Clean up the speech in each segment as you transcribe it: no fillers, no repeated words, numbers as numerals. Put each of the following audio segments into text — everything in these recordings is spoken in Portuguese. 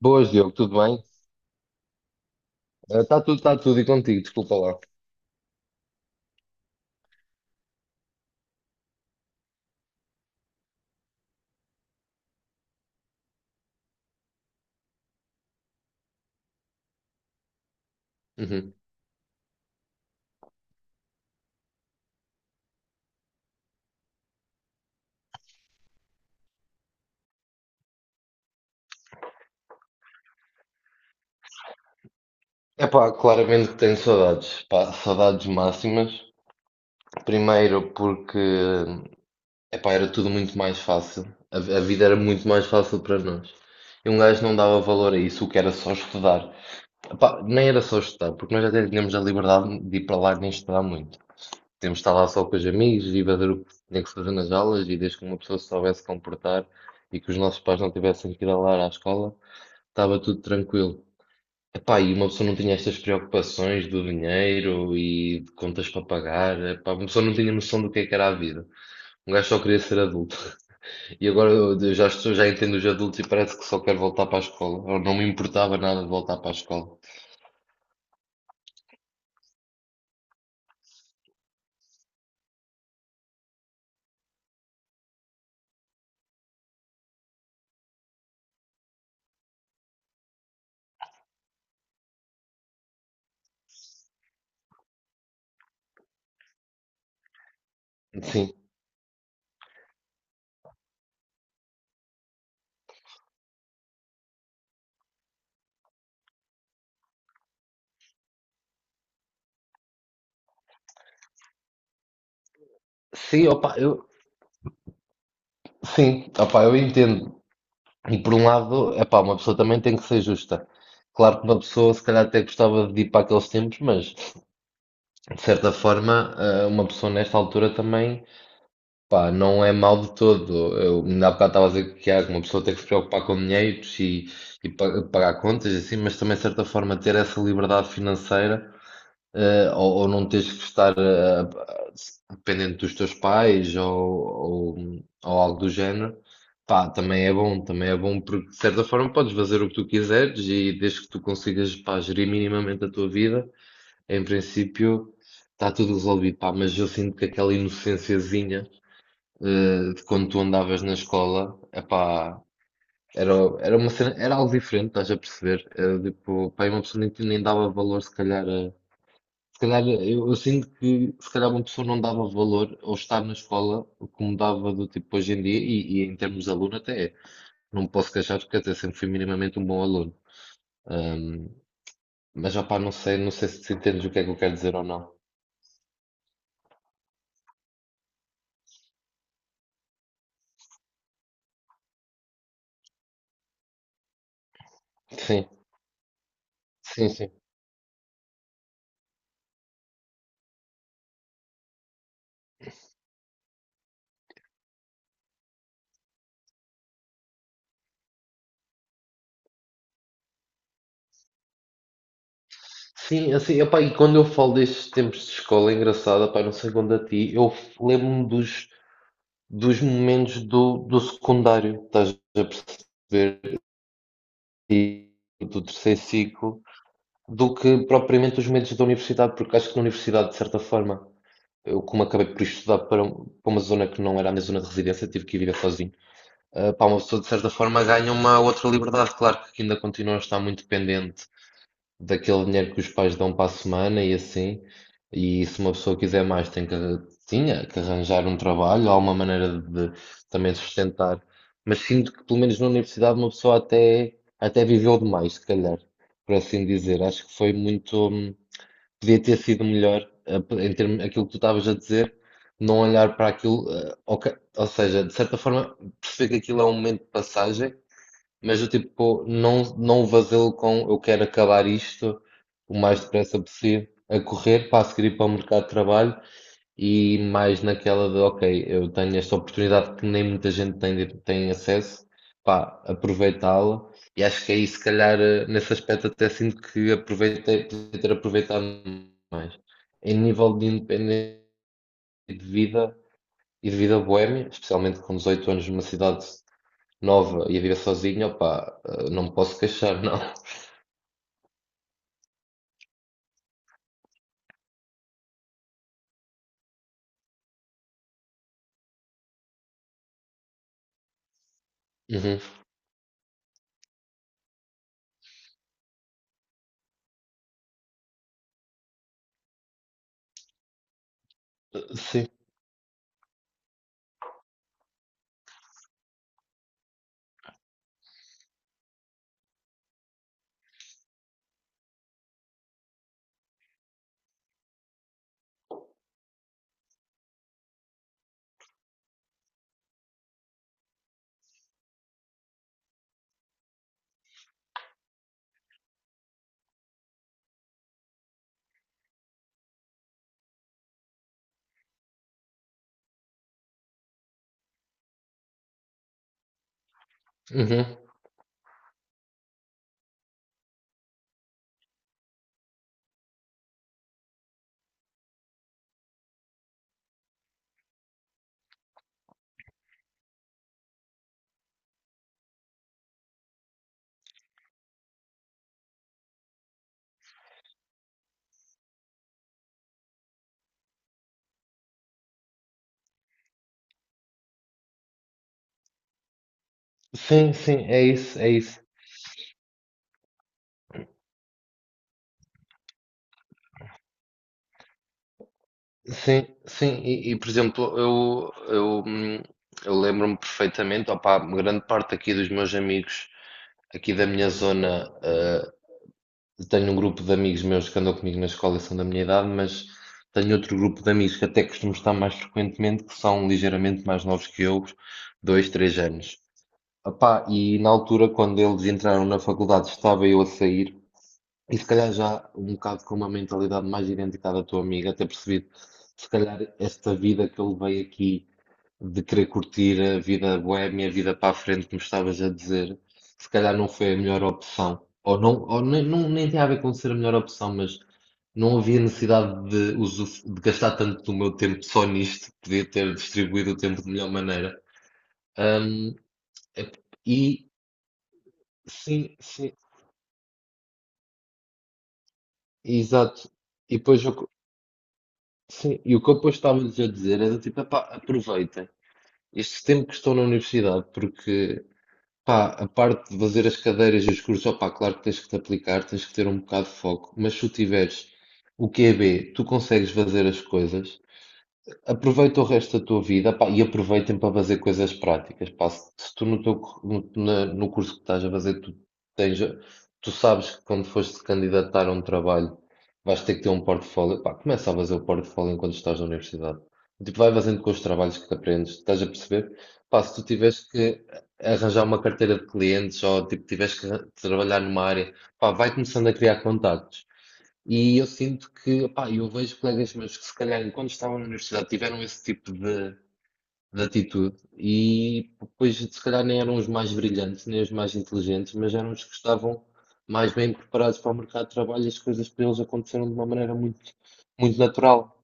Boas, Diogo, tudo bem? Está tudo e contigo, desculpa lá. Uhum. Epá, claramente que tenho saudades, pá, saudades máximas. Primeiro porque, epá, era tudo muito mais fácil. A vida era muito mais fácil para nós. E um gajo não dava valor a isso, o que era só estudar. Epá, nem era só estudar, porque nós até tínhamos a liberdade de ir para lá nem estudar muito. Podíamos estar lá só com os amigos e fazer o que se tinha que fazer nas aulas e desde que uma pessoa se soubesse comportar e que os nossos pais não tivessem que ir alar à escola, estava tudo tranquilo. Epá, e uma pessoa não tinha estas preocupações do dinheiro e de contas para pagar. Epá, uma pessoa não tinha noção do que é que era a vida. Um gajo só queria ser adulto. E agora eu já estou, já entendo os adultos e parece que só quero voltar para a escola. Ou não me importava nada de voltar para a escola. Sim. Sim, opa, eu, sim, opa, eu entendo. E por um lado, é pá, uma pessoa também tem que ser justa. Claro que uma pessoa se calhar até gostava de ir para aqueles tempos, mas de certa forma, uma pessoa nesta altura também, pá, não é mal de todo. Eu ainda há bocado estava a dizer que há uma pessoa tem que se preocupar com dinheiros e pagar contas, e assim, mas também de certa forma ter essa liberdade financeira, ou não tens que estar, eh, dependente dos teus pais ou algo do género, pá, também é bom porque de certa forma podes fazer o que tu quiseres e desde que tu consigas, pá, gerir minimamente a tua vida, em princípio está tudo resolvido, pá, mas eu sinto que aquela inocênciazinha, de quando tu andavas na escola, epá, era, era uma cena, era algo diferente, estás a perceber? Era, tipo, pá, uma pessoa nem dava valor se calhar a. Se calhar, eu sinto que se calhar uma pessoa não dava valor ao estar na escola como dava do tipo hoje em dia, e em termos de aluno até é. Não me posso queixar, porque até sempre fui minimamente um bom aluno. Ahm, mas já pá, não sei se entendes o que é que eu quero dizer ou não. Sim, sim, sim. Sim, assim, epá, e quando eu falo destes tempos de escola, é engraçado, epá, não sei quando a ti, eu lembro-me dos momentos do secundário, estás a perceber, e do terceiro ciclo, do que propriamente os medos da universidade, porque acho que na universidade, de certa forma, eu como acabei por estudar para uma zona que não era a minha zona de residência, tive que ir viver sozinho, para uma pessoa, de certa forma, ganha uma outra liberdade, claro que ainda continua a estar muito dependente daquele dinheiro que os pais dão para a semana e assim. E se uma pessoa quiser mais, tinha que arranjar um trabalho, alguma maneira de também sustentar. Mas sinto que, pelo menos na universidade, uma pessoa até viveu demais, se calhar, por assim dizer. Acho que foi muito. Podia ter sido melhor, em termos, aquilo que tu estavas a dizer, não olhar para aquilo. Ok, ou seja, de certa forma, perceber que aquilo é um momento de passagem, mas eu tipo, não vazio com eu quero acabar isto o mais depressa possível, a correr para a seguir ir para o mercado de trabalho, e mais naquela de ok, eu tenho esta oportunidade que nem muita gente tem, tem acesso, pá, aproveitá-la. E acho que aí se calhar, nesse aspecto até sinto que aproveitei, podia ter aproveitado mais. Em nível de independência e de vida e de vida boémia, especialmente com 18 anos numa cidade nova e a viver sozinho, opá, não me posso queixar, não. Uhum. Sim, uhum. Sim, sim, é isso, é isso. Sim, sim, por exemplo, eu lembro-me perfeitamente, opá, grande parte aqui dos meus amigos, aqui da minha zona. Tenho um grupo de amigos meus que andam comigo na escola e são da minha idade, mas tenho outro grupo de amigos que até costumo estar mais frequentemente, que são ligeiramente mais novos que eu, 2, 3 anos. Epá, e na altura, quando eles entraram na faculdade, estava eu a sair, e se calhar já um bocado com uma mentalidade mais idêntica à da tua amiga, até percebido, se calhar esta vida que eu levei aqui, de querer curtir a vida boémia, a vida para a frente, como estavas a dizer, se calhar não foi a melhor opção. Ou não, ou nem, nem tem a ver com ser a melhor opção, mas não havia necessidade de gastar tanto do meu tempo só nisto, podia ter distribuído o tempo de melhor maneira. Ahm, é- e Sim, sim, exato. E depois o, que- sim, e O que eu depois estava-lhes a dizer era tipo, epá, aproveitem este tempo que estou na universidade, porque pá, a parte de fazer as cadeiras e os cursos, opá, claro que tens que te aplicar, tens que ter um bocado de foco, mas se tu tiveres o QB, tu consegues fazer as coisas. Aproveita o resto da tua vida, pá, e aproveitem para fazer coisas práticas, pá. Se tu no teu, cu- no, na- no curso que estás a fazer, tens, tu sabes que quando fores candidatar a um trabalho, vais ter que ter um portfólio, pá, começa a fazer o portfólio enquanto estás na universidade. Tipo, vai fazendo com os trabalhos que aprendes, estás a perceber? Pá, se tu tiveres que arranjar uma carteira de clientes ou tipo, tiveres que trabalhar numa área, pá, vai começando a criar contactos. E eu sinto que, pá, eu vejo colegas meus que se calhar quando estavam na universidade tiveram esse tipo de atitude e depois se calhar nem eram os mais brilhantes, nem os mais inteligentes, mas eram os que estavam mais bem preparados para o mercado de trabalho e as coisas para eles aconteceram de uma maneira muito, muito natural.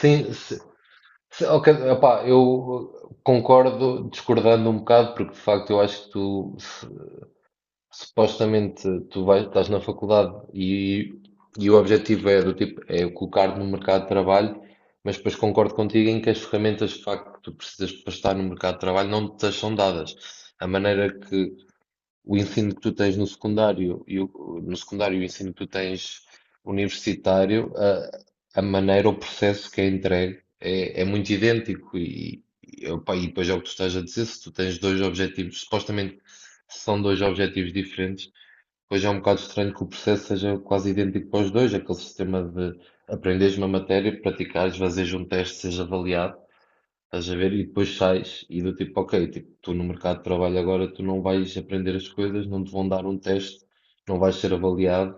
Sim, ok, opá, eu concordo discordando um bocado, porque de facto eu acho que tu, supostamente tu vais, estás na faculdade e, o objetivo é do tipo é colocar-te no mercado de trabalho, mas depois concordo contigo em que as ferramentas de facto que tu precisas para estar no mercado de trabalho não te são dadas. A maneira que, o ensino que tu tens no secundário no secundário e o ensino que tu tens universitário, a maneira, o processo que é entregue é muito idêntico, opa, e depois é o que tu estás a dizer, se tu tens dois objetivos, supostamente são dois objetivos diferentes, pois é um bocado estranho que o processo seja quase idêntico para os dois, aquele sistema de aprenderes uma matéria, praticares, fazeres um teste, seja avaliado. Estás a ver? E depois sais e do tipo, ok, tipo, tu no mercado de trabalho agora tu não vais aprender as coisas, não te vão dar um teste, não vais ser avaliado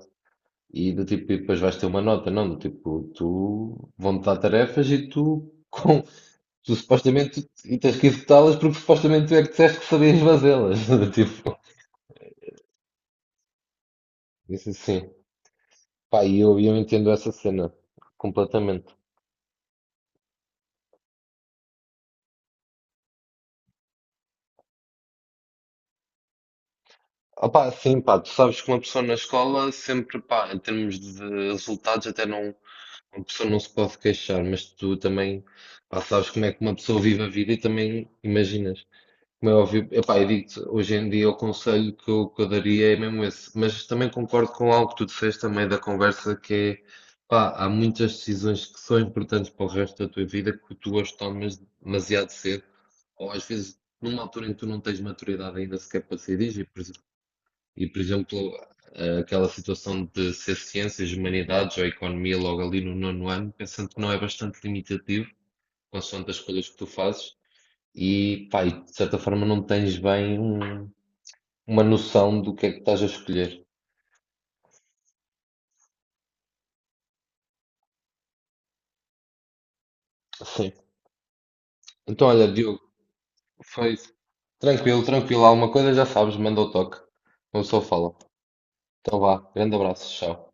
e do tipo, e depois vais ter uma nota, não, do tipo, tu vão-te dar tarefas e tu, com, tu supostamente e tens que executá-las porque supostamente tu é que disseste que sabias fazê-las. Do tipo, isso assim. Pá, e eu entendo essa cena completamente. Opá, sim, pá, tu sabes que uma pessoa na escola sempre, pá, em termos de resultados até não. Uma pessoa não se pode queixar, mas tu também, pá, sabes como é que uma pessoa vive a vida e também imaginas. Como é óbvio, epá, eu digo-te, hoje em dia o conselho que eu daria é mesmo esse. Mas também concordo com algo que tu disseste também da conversa, que é, pá, há muitas decisões que são importantes para o resto da tua vida que tu as tomas demasiado cedo, ou às vezes numa altura em que tu não tens maturidade ainda sequer para decidir. E, por exemplo, aquela situação de ser ciências, humanidades ou economia logo ali no nono ano, pensando que não é bastante limitativo, consoante as escolhas que tu fazes, e, pá, e de certa forma não tens bem uma noção do que é que estás a escolher. Sim. Então, olha, Diogo, foi tranquilo, tranquilo. Alguma coisa já sabes, manda o toque. Uma pessoa fala. Então vá, grande abraço, tchau.